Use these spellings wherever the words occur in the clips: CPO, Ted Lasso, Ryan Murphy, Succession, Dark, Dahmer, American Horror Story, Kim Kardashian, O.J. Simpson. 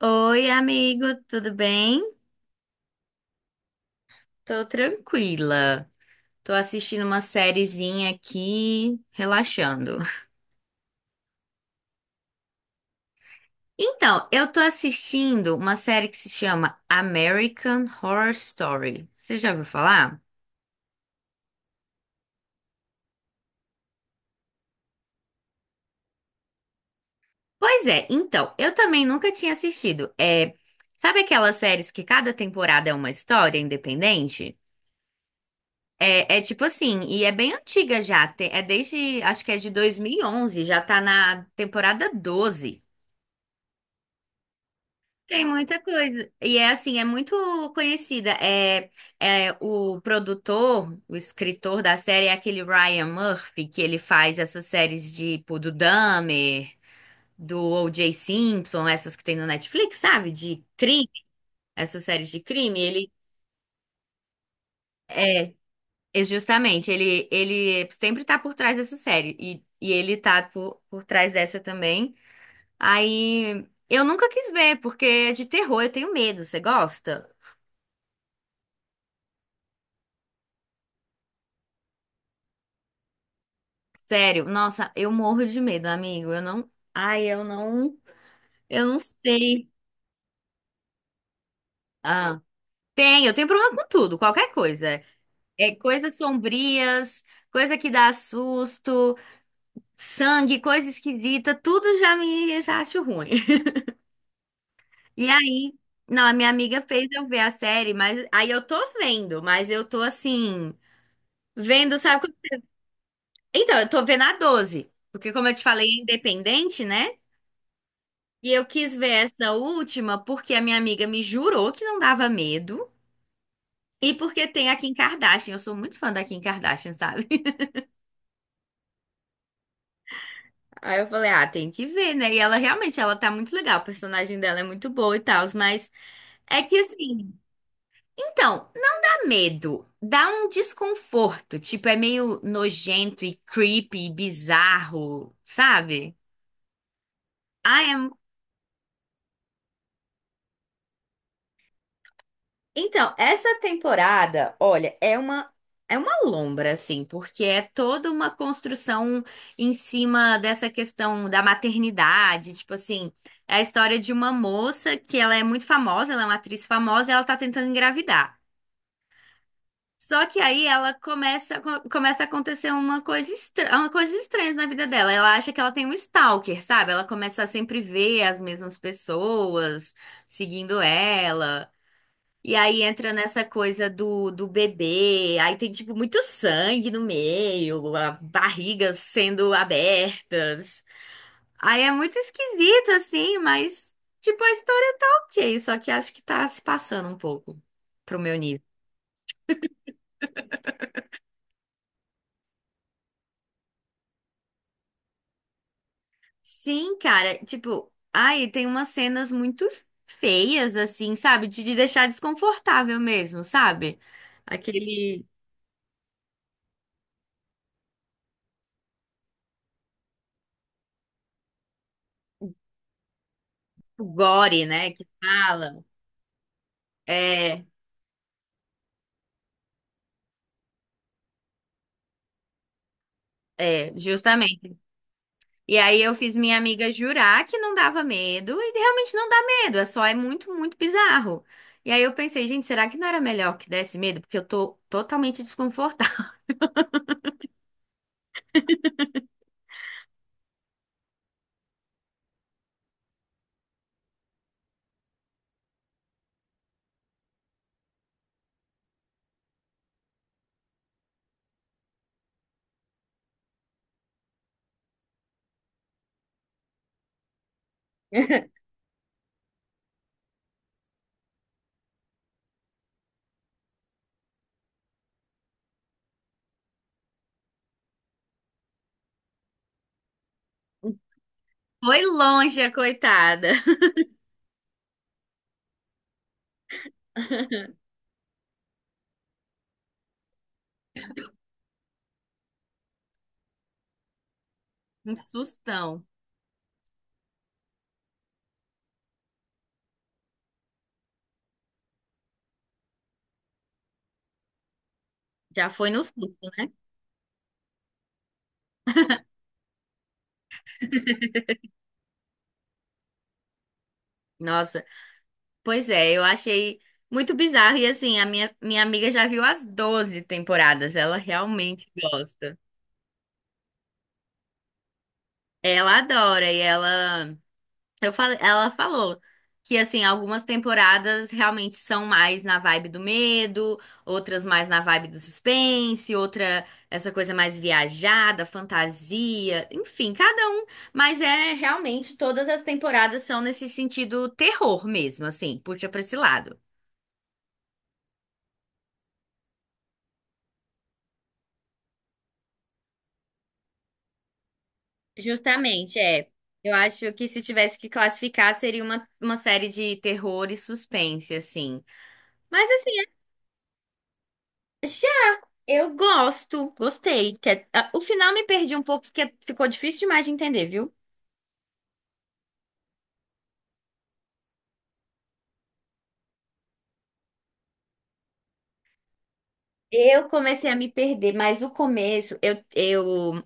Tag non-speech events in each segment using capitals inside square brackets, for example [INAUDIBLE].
Oi, amigo, tudo bem? Tô tranquila. Tô assistindo uma sériezinha aqui, relaxando. Então, eu tô assistindo uma série que se chama American Horror Story. Você já ouviu falar? Pois é, então, eu também nunca tinha assistido. É, sabe aquelas séries que cada temporada é uma história independente? É tipo assim, e é bem antiga já, é desde, acho que é de 2011, já tá na temporada 12. Tem muita coisa. E é assim, é muito conhecida. É, é o produtor, o escritor da série é aquele Ryan Murphy, que ele faz essas séries de, tipo, do Dahmer, do O.J. Simpson, essas que tem no Netflix, sabe? De crime, essas séries de crime. Ele, é justamente, ele sempre tá por trás dessa série. E ele tá por trás dessa também. Aí, eu nunca quis ver, porque é de terror, eu tenho medo. Você gosta? Sério, nossa, eu morro de medo, amigo. Eu não. Ai, eu não. Eu não sei. Ah, tem, eu tenho problema com tudo, qualquer coisa. É coisas sombrias, coisa que dá susto, sangue, coisa esquisita, tudo já me já acho ruim. [LAUGHS] E aí, não, a minha amiga fez eu ver a série, mas aí eu tô vendo, mas eu tô assim, vendo, sabe? Então, eu tô vendo a 12, porque como eu te falei, é independente, né? E eu quis ver essa última porque a minha amiga me jurou que não dava medo. E porque tem a Kim Kardashian. Eu sou muito fã da Kim Kardashian, sabe? [LAUGHS] Aí eu falei, ah, tem que ver, né? E ela realmente, ela tá muito legal. O personagem dela é muito boa e tal. Mas é que assim, então, não dá medo. Dá um desconforto. Tipo, é meio nojento e creepy e bizarro, sabe? Ah, é. Então, essa temporada, olha, é uma lombra assim, porque é toda uma construção em cima dessa questão da maternidade, tipo assim, é a história de uma moça que ela é muito famosa, ela é uma atriz famosa, e ela tá tentando engravidar. Só que aí ela começa começa a acontecer uma coisa estranha na vida dela. Ela acha que ela tem um stalker, sabe? Ela começa a sempre ver as mesmas pessoas seguindo ela. E aí entra nessa coisa do bebê, aí tem tipo muito sangue no meio, a barrigas sendo abertas. Aí é muito esquisito assim, mas tipo a história tá ok, só que acho que tá se passando um pouco pro meu nível. Sim, cara, tipo, ai, tem umas cenas muito feias assim, sabe? De deixar desconfortável mesmo, sabe? Aquele tipo, gore, né, que fala. É, justamente. E aí eu fiz minha amiga jurar que não dava medo, e realmente não dá medo, é só é muito, muito bizarro. E aí eu pensei, gente, será que não era melhor que desse medo? Porque eu tô totalmente desconfortável. [LAUGHS] Foi longe a coitada. [LAUGHS] Um sustão. Já foi no susto, né? [LAUGHS] Nossa, pois é, eu achei muito bizarro. E assim, a minha amiga já viu as 12 temporadas, ela realmente gosta. Ela adora e ela. Eu falei, ela falou que assim, algumas temporadas realmente são mais na vibe do medo, outras mais na vibe do suspense, outra essa coisa mais viajada, fantasia, enfim, cada um, mas é realmente todas as temporadas são nesse sentido terror mesmo, assim, puxa pra esse lado. Justamente, é. Eu acho que se tivesse que classificar, seria uma série de terror e suspense, assim. Mas assim, eu gosto, gostei. Que é- ah, o final me perdi um pouco, porque ficou difícil demais de entender, viu? Eu comecei a me perder, mas o começo,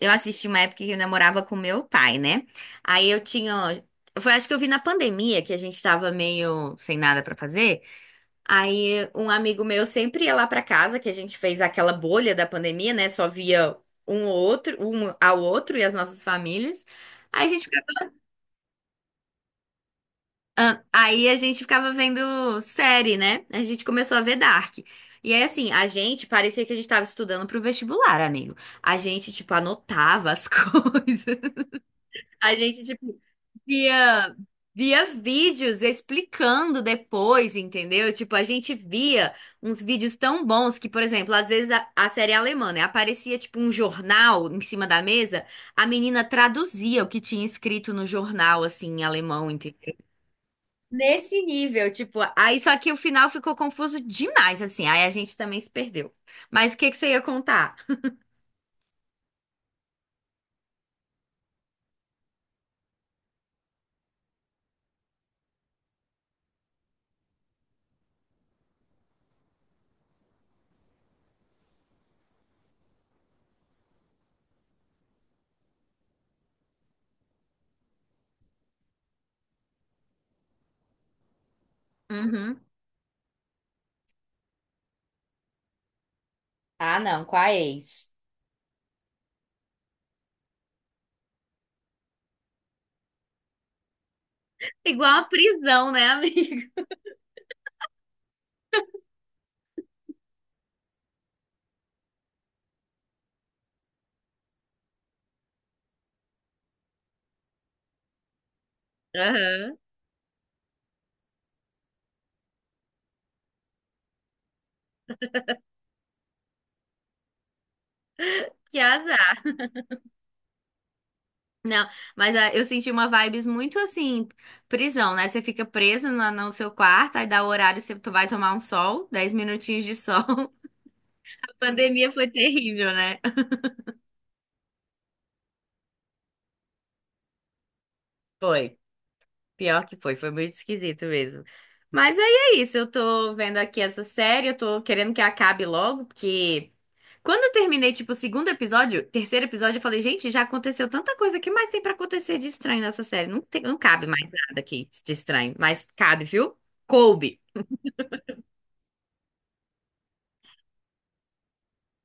eu assisti uma época que eu namorava com meu pai, né? Aí eu tinha. Foi, acho que eu vi na pandemia, que a gente tava meio sem nada pra fazer. Aí um amigo meu sempre ia lá pra casa, que a gente fez aquela bolha da pandemia, né? Só via um ou outro, um ao outro e as nossas famílias. Aí a gente ah, aí a gente ficava vendo série, né? A gente começou a ver Dark. E aí, assim, a gente parecia que a gente tava estudando pro vestibular, amigo. A gente, tipo, anotava as [LAUGHS] coisas. A gente, tipo, via, via vídeos explicando depois, entendeu? Tipo, a gente via uns vídeos tão bons que, por exemplo, às vezes a série é alemã, né? Aparecia, tipo, um jornal em cima da mesa, a menina traduzia o que tinha escrito no jornal, assim, em alemão. Nesse nível, tipo, aí só que o final ficou confuso demais, assim, aí a gente também se perdeu. Mas o que que você ia contar? Uhum. Ah, não, com a ex. Igual a prisão, né, amigo? Aham. Que azar. Não, mas ah, eu senti uma vibes muito assim, prisão, né? Você fica preso no seu quarto, aí dá o horário, você tu vai tomar um sol, 10 minutinhos de sol. [LAUGHS] A pandemia foi terrível, né? Foi. Pior que foi, foi muito esquisito mesmo. Mas aí é isso, eu tô vendo aqui essa série, eu tô querendo que acabe logo, porque quando eu terminei, tipo, o segundo episódio, terceiro episódio, eu falei, gente, já aconteceu tanta coisa, o que mais tem pra acontecer de estranho nessa série? Não tem, não cabe mais nada aqui de estranho, mas cabe, viu? Coube.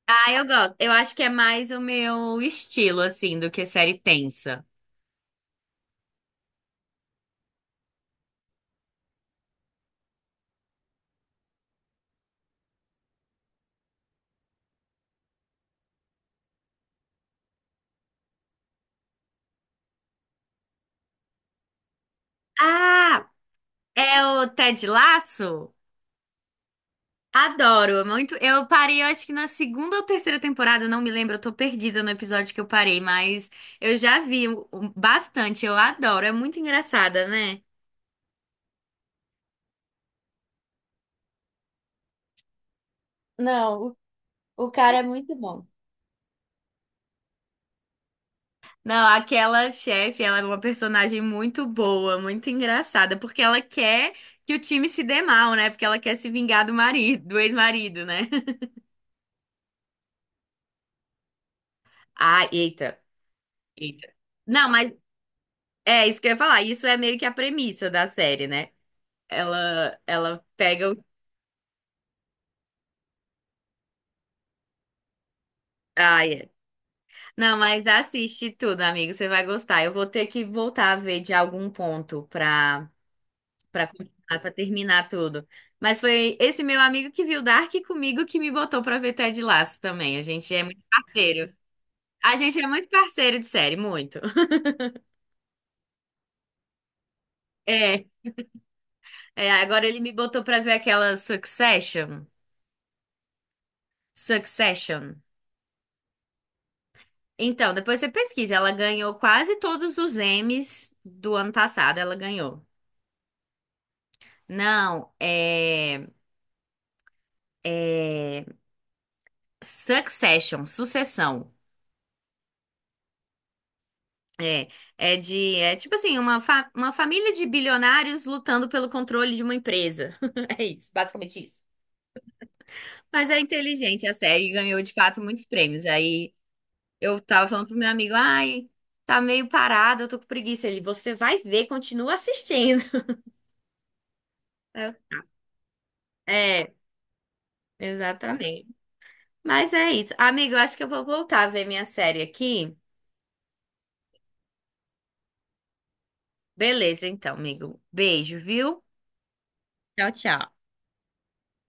Ah, eu gosto. Eu acho que é mais o meu estilo, assim, do que série tensa. Ah, é o Ted Lasso? Adoro, é muito. Eu parei, eu acho que na segunda ou terceira temporada, não me lembro, eu tô perdida no episódio que eu parei, mas eu já vi o- bastante, eu adoro, é muito engraçada, né? Não, o cara é muito bom. Não, aquela chefe, ela é uma personagem muito boa, muito engraçada, porque ela quer que o time se dê mal, né? Porque ela quer se vingar do marido, do ex-marido, né? [LAUGHS] Ah, eita, eita. Não, mas é isso que eu ia falar. Isso é meio que a premissa da série, né? Ela pega ah é. Não, mas assiste tudo, amigo. Você vai gostar. Eu vou ter que voltar a ver de algum ponto pra, pra, continuar, pra terminar tudo. Mas foi esse meu amigo que viu Dark comigo que me botou pra ver Ted Lasso também. A gente é muito parceiro. A gente é muito parceiro de série, muito. [LAUGHS] É, agora ele me botou pra ver aquela Succession. Succession. Então, depois você pesquisa. Ela ganhou quase todos os Emmys do ano passado. Ela ganhou. Não, é. É Succession, Sucessão. É, é de, é tipo assim, uma, fa- uma família de bilionários lutando pelo controle de uma empresa. [LAUGHS] É isso, basicamente isso. Mas é inteligente a série, e ganhou de fato muitos prêmios. Aí eu tava falando pro meu amigo, ai, tá meio parado, eu tô com preguiça. Ele, você vai ver, continua assistindo. [LAUGHS] Eu, é, exatamente. Mas é isso. Amigo, eu acho que eu vou voltar a ver minha série aqui. Beleza, então, amigo. Beijo, viu? Tchau, tchau.